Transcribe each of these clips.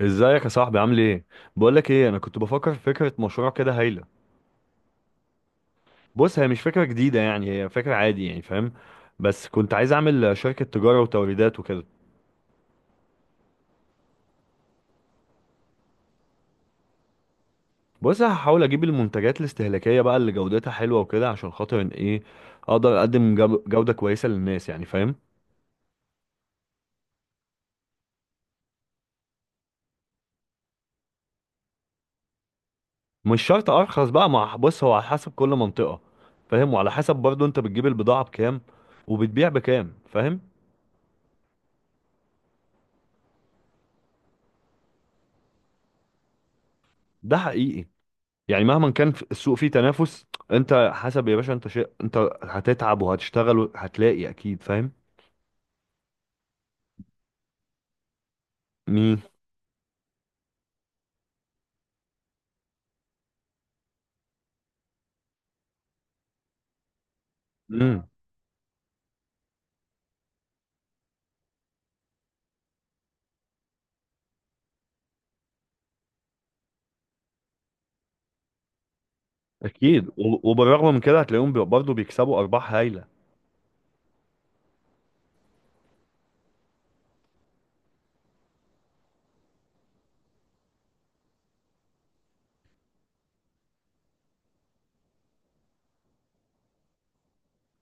ازيك يا صاحبي؟ عامل ايه؟ بقول لك ايه، انا كنت بفكر في فكره مشروع كده هايله. بص، هي مش فكره جديده يعني، هي فكره عادي يعني، فاهم؟ بس كنت عايز اعمل شركه تجاره وتوريدات وكده. بص، هحاول اجيب المنتجات الاستهلاكيه بقى اللي جودتها حلوه وكده، عشان خاطر ان ايه، اقدر اقدم جوده كويسه للناس يعني، فاهم؟ مش شرط ارخص بقى، مع بص هو على حسب كل منطقه فاهم، وعلى حسب برضو انت بتجيب البضاعه بكام وبتبيع بكام، فاهم؟ ده حقيقي. يعني مهما كان السوق فيه تنافس، انت حسب يا باشا، انت شيء، انت هتتعب وهتشتغل وهتلاقي اكيد، فاهم؟ مين؟ امم. اكيد، وبالرغم من كده هتلاقيهم برضه بيكسبوا ارباح هايله.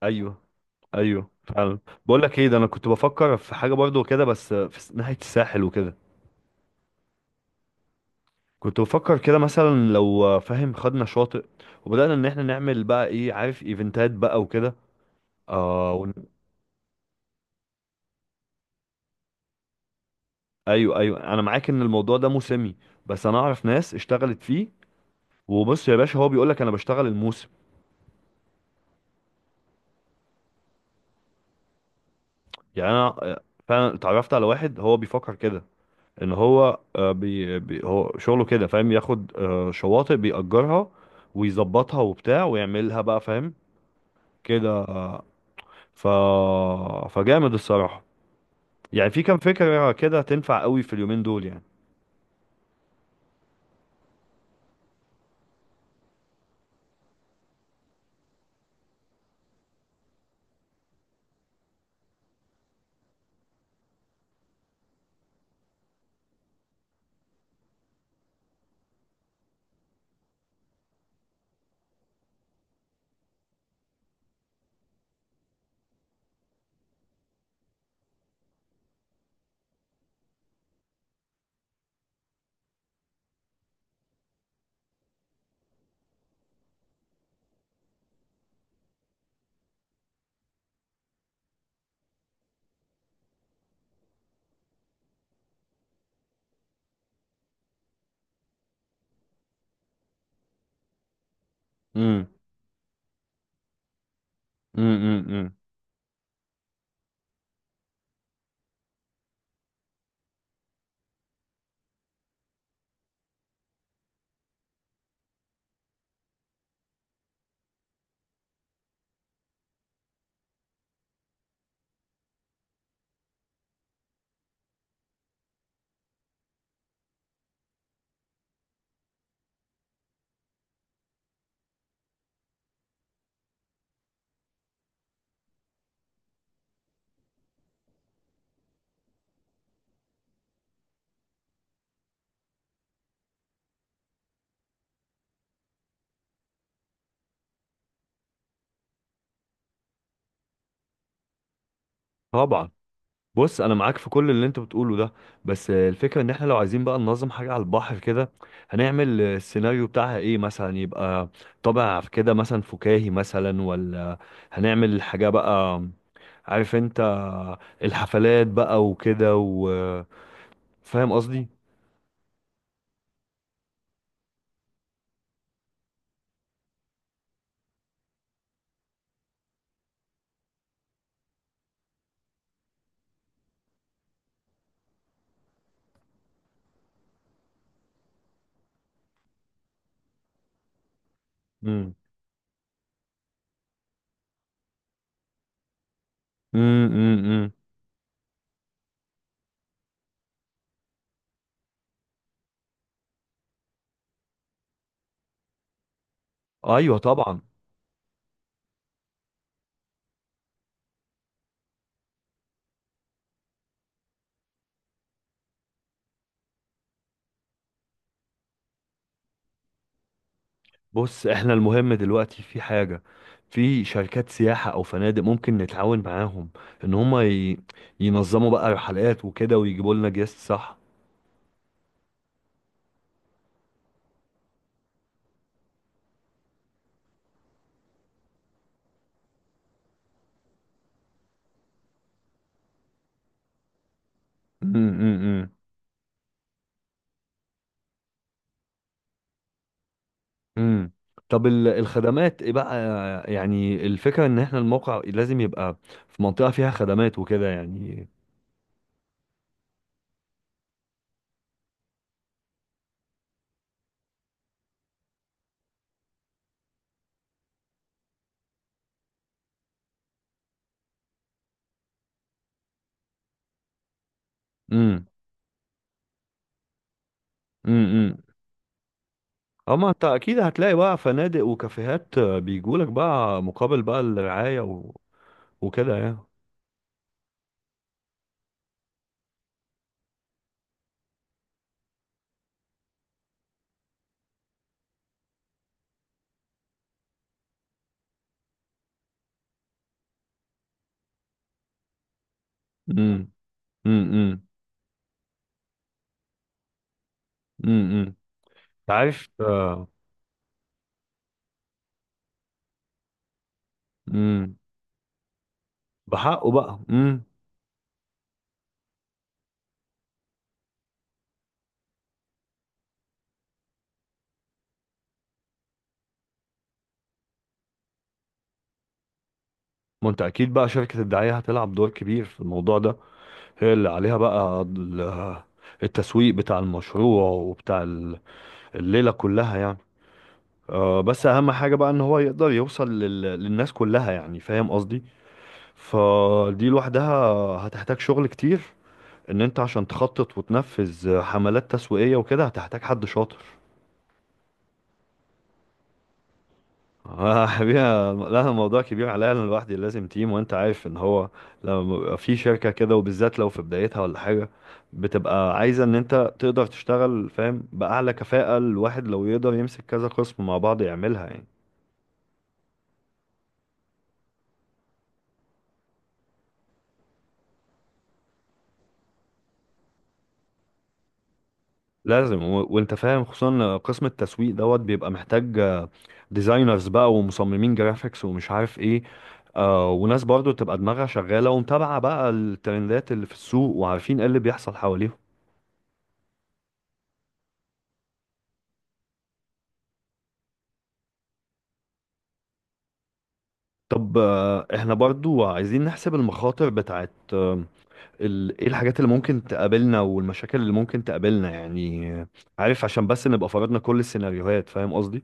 ايوه، ايوه فعلا. بقول لك ايه، ده انا كنت بفكر في حاجه برضه كده، بس في ناحيه الساحل وكده. كنت بفكر كده مثلا لو فاهم، خدنا شاطئ وبدانا ان احنا نعمل بقى ايه، عارف، ايفنتات بقى وكده. اه ايوه، ايوه، انا معاك ان الموضوع ده موسمي، بس انا اعرف ناس اشتغلت فيه. وبص يا باشا هو بيقول لك انا بشتغل الموسم يعني. انا. فعلا اتعرفت على واحد هو بيفكر كده، ان هو بي هو شغله كده فاهم، ياخد شواطئ بيأجرها ويظبطها وبتاع، ويعملها بقى فاهم، كده. ف فجامد الصراحة. يعني في كام فكرة كده تنفع قوي في اليومين دول يعني. امم امم. طبعا. بص انا معاك في كل اللي انت بتقوله ده، بس الفكره ان احنا لو عايزين بقى ننظم حاجه على البحر كده، هنعمل السيناريو بتاعها ايه مثلا، يبقى طابع كده مثلا فكاهي مثلا، ولا هنعمل حاجه بقى عارف انت الحفلات بقى وكده، وفاهم قصدي. امم. امم. ايوه طبعا. بص، احنا المهم دلوقتي في حاجة، في شركات سياحة او فنادق ممكن نتعاون معاهم، ان هما ينظموا بقى رحلات وكده ويجيبوا لنا جيست، صح؟ امم. امم. طب الخدمات ايه بقى؟ يعني الفكرة ان احنا الموقع لازم يبقى في منطقة فيها خدمات وكده يعني. امم. امم. اما انت اكيد هتلاقي بقى فنادق وكافيهات بيجولك بقى مقابل بقى الرعاية وكده يعني. امم امم. إمم. عارف. امم. بحقه بقى، امم. ما انت اكيد بقى شركة الدعاية هتلعب دور كبير في الموضوع ده. هي اللي عليها بقى التسويق بتاع المشروع وبتاع الليلة كلها يعني. بس اهم حاجة بقى ان هو يقدر يوصل للناس كلها يعني، فاهم قصدي؟ فدي لوحدها هتحتاج شغل كتير. ان انت عشان تخطط وتنفذ حملات تسويقية وكده هتحتاج حد شاطر. حبيبي، لا، الموضوع كبير عليا انا لوحدي، لازم تيم. وانت عارف ان هو لما بيبقى في شركة كده وبالذات لو في بدايتها ولا حاجة، بتبقى عايزة ان انت تقدر تشتغل فاهم بأعلى كفاءة. الواحد لو يقدر يمسك كذا قسم مع بعض يعملها يعني. لازم. وانت فاهم، خصوصا قسم التسويق دوت بيبقى محتاج ديزاينرز بقى، ومصممين جرافيكس، ومش عارف ايه. آه، وناس برضو تبقى دماغها شغالة ومتابعة بقى الترندات اللي في السوق، وعارفين ايه اللي بيحصل حواليهم. طب احنا برضو عايزين نحسب المخاطر بتاعت ايه الحاجات اللي ممكن تقابلنا، والمشاكل اللي ممكن تقابلنا يعني، عارف، عشان بس نبقى فرضنا كل السيناريوهات، فاهم قصدي؟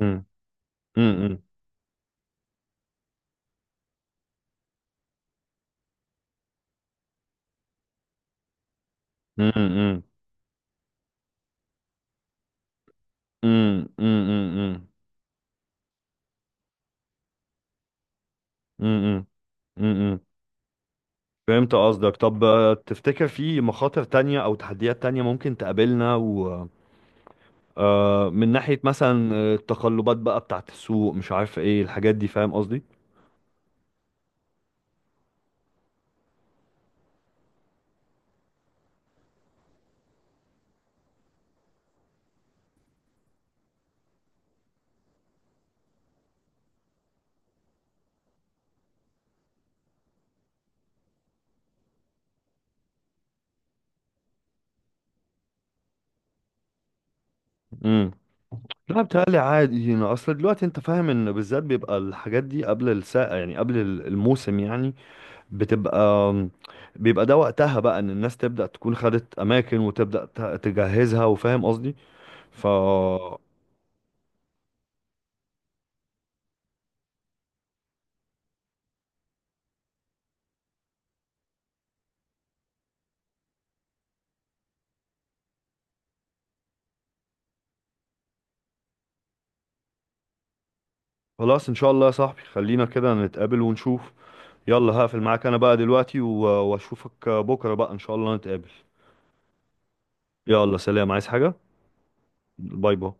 امم امم امم امم امم امم امم. فهمت قصدك. طب تفتكر في مخاطر تانية او تحديات تانية ممكن تقابلنا، و من ناحية مثلا التقلبات بقى بتاعت السوق، مش عارف ايه الحاجات دي، فاهم قصدي؟ لا، بتهيألي عادي يعني. اصل دلوقتي انت فاهم ان بالذات بيبقى الحاجات دي قبل الساقة يعني، قبل الموسم يعني، بتبقى بيبقى ده وقتها بقى ان الناس تبدأ تكون خدت اماكن وتبدأ تجهزها، وفاهم قصدي. ف خلاص ان شاء الله يا صاحبي، خلينا كده نتقابل ونشوف. يلا، هقفل معاك انا بقى دلوقتي، واشوفك بكرة بقى ان شاء الله نتقابل. يلا سلام. عايز حاجة؟ باي باي.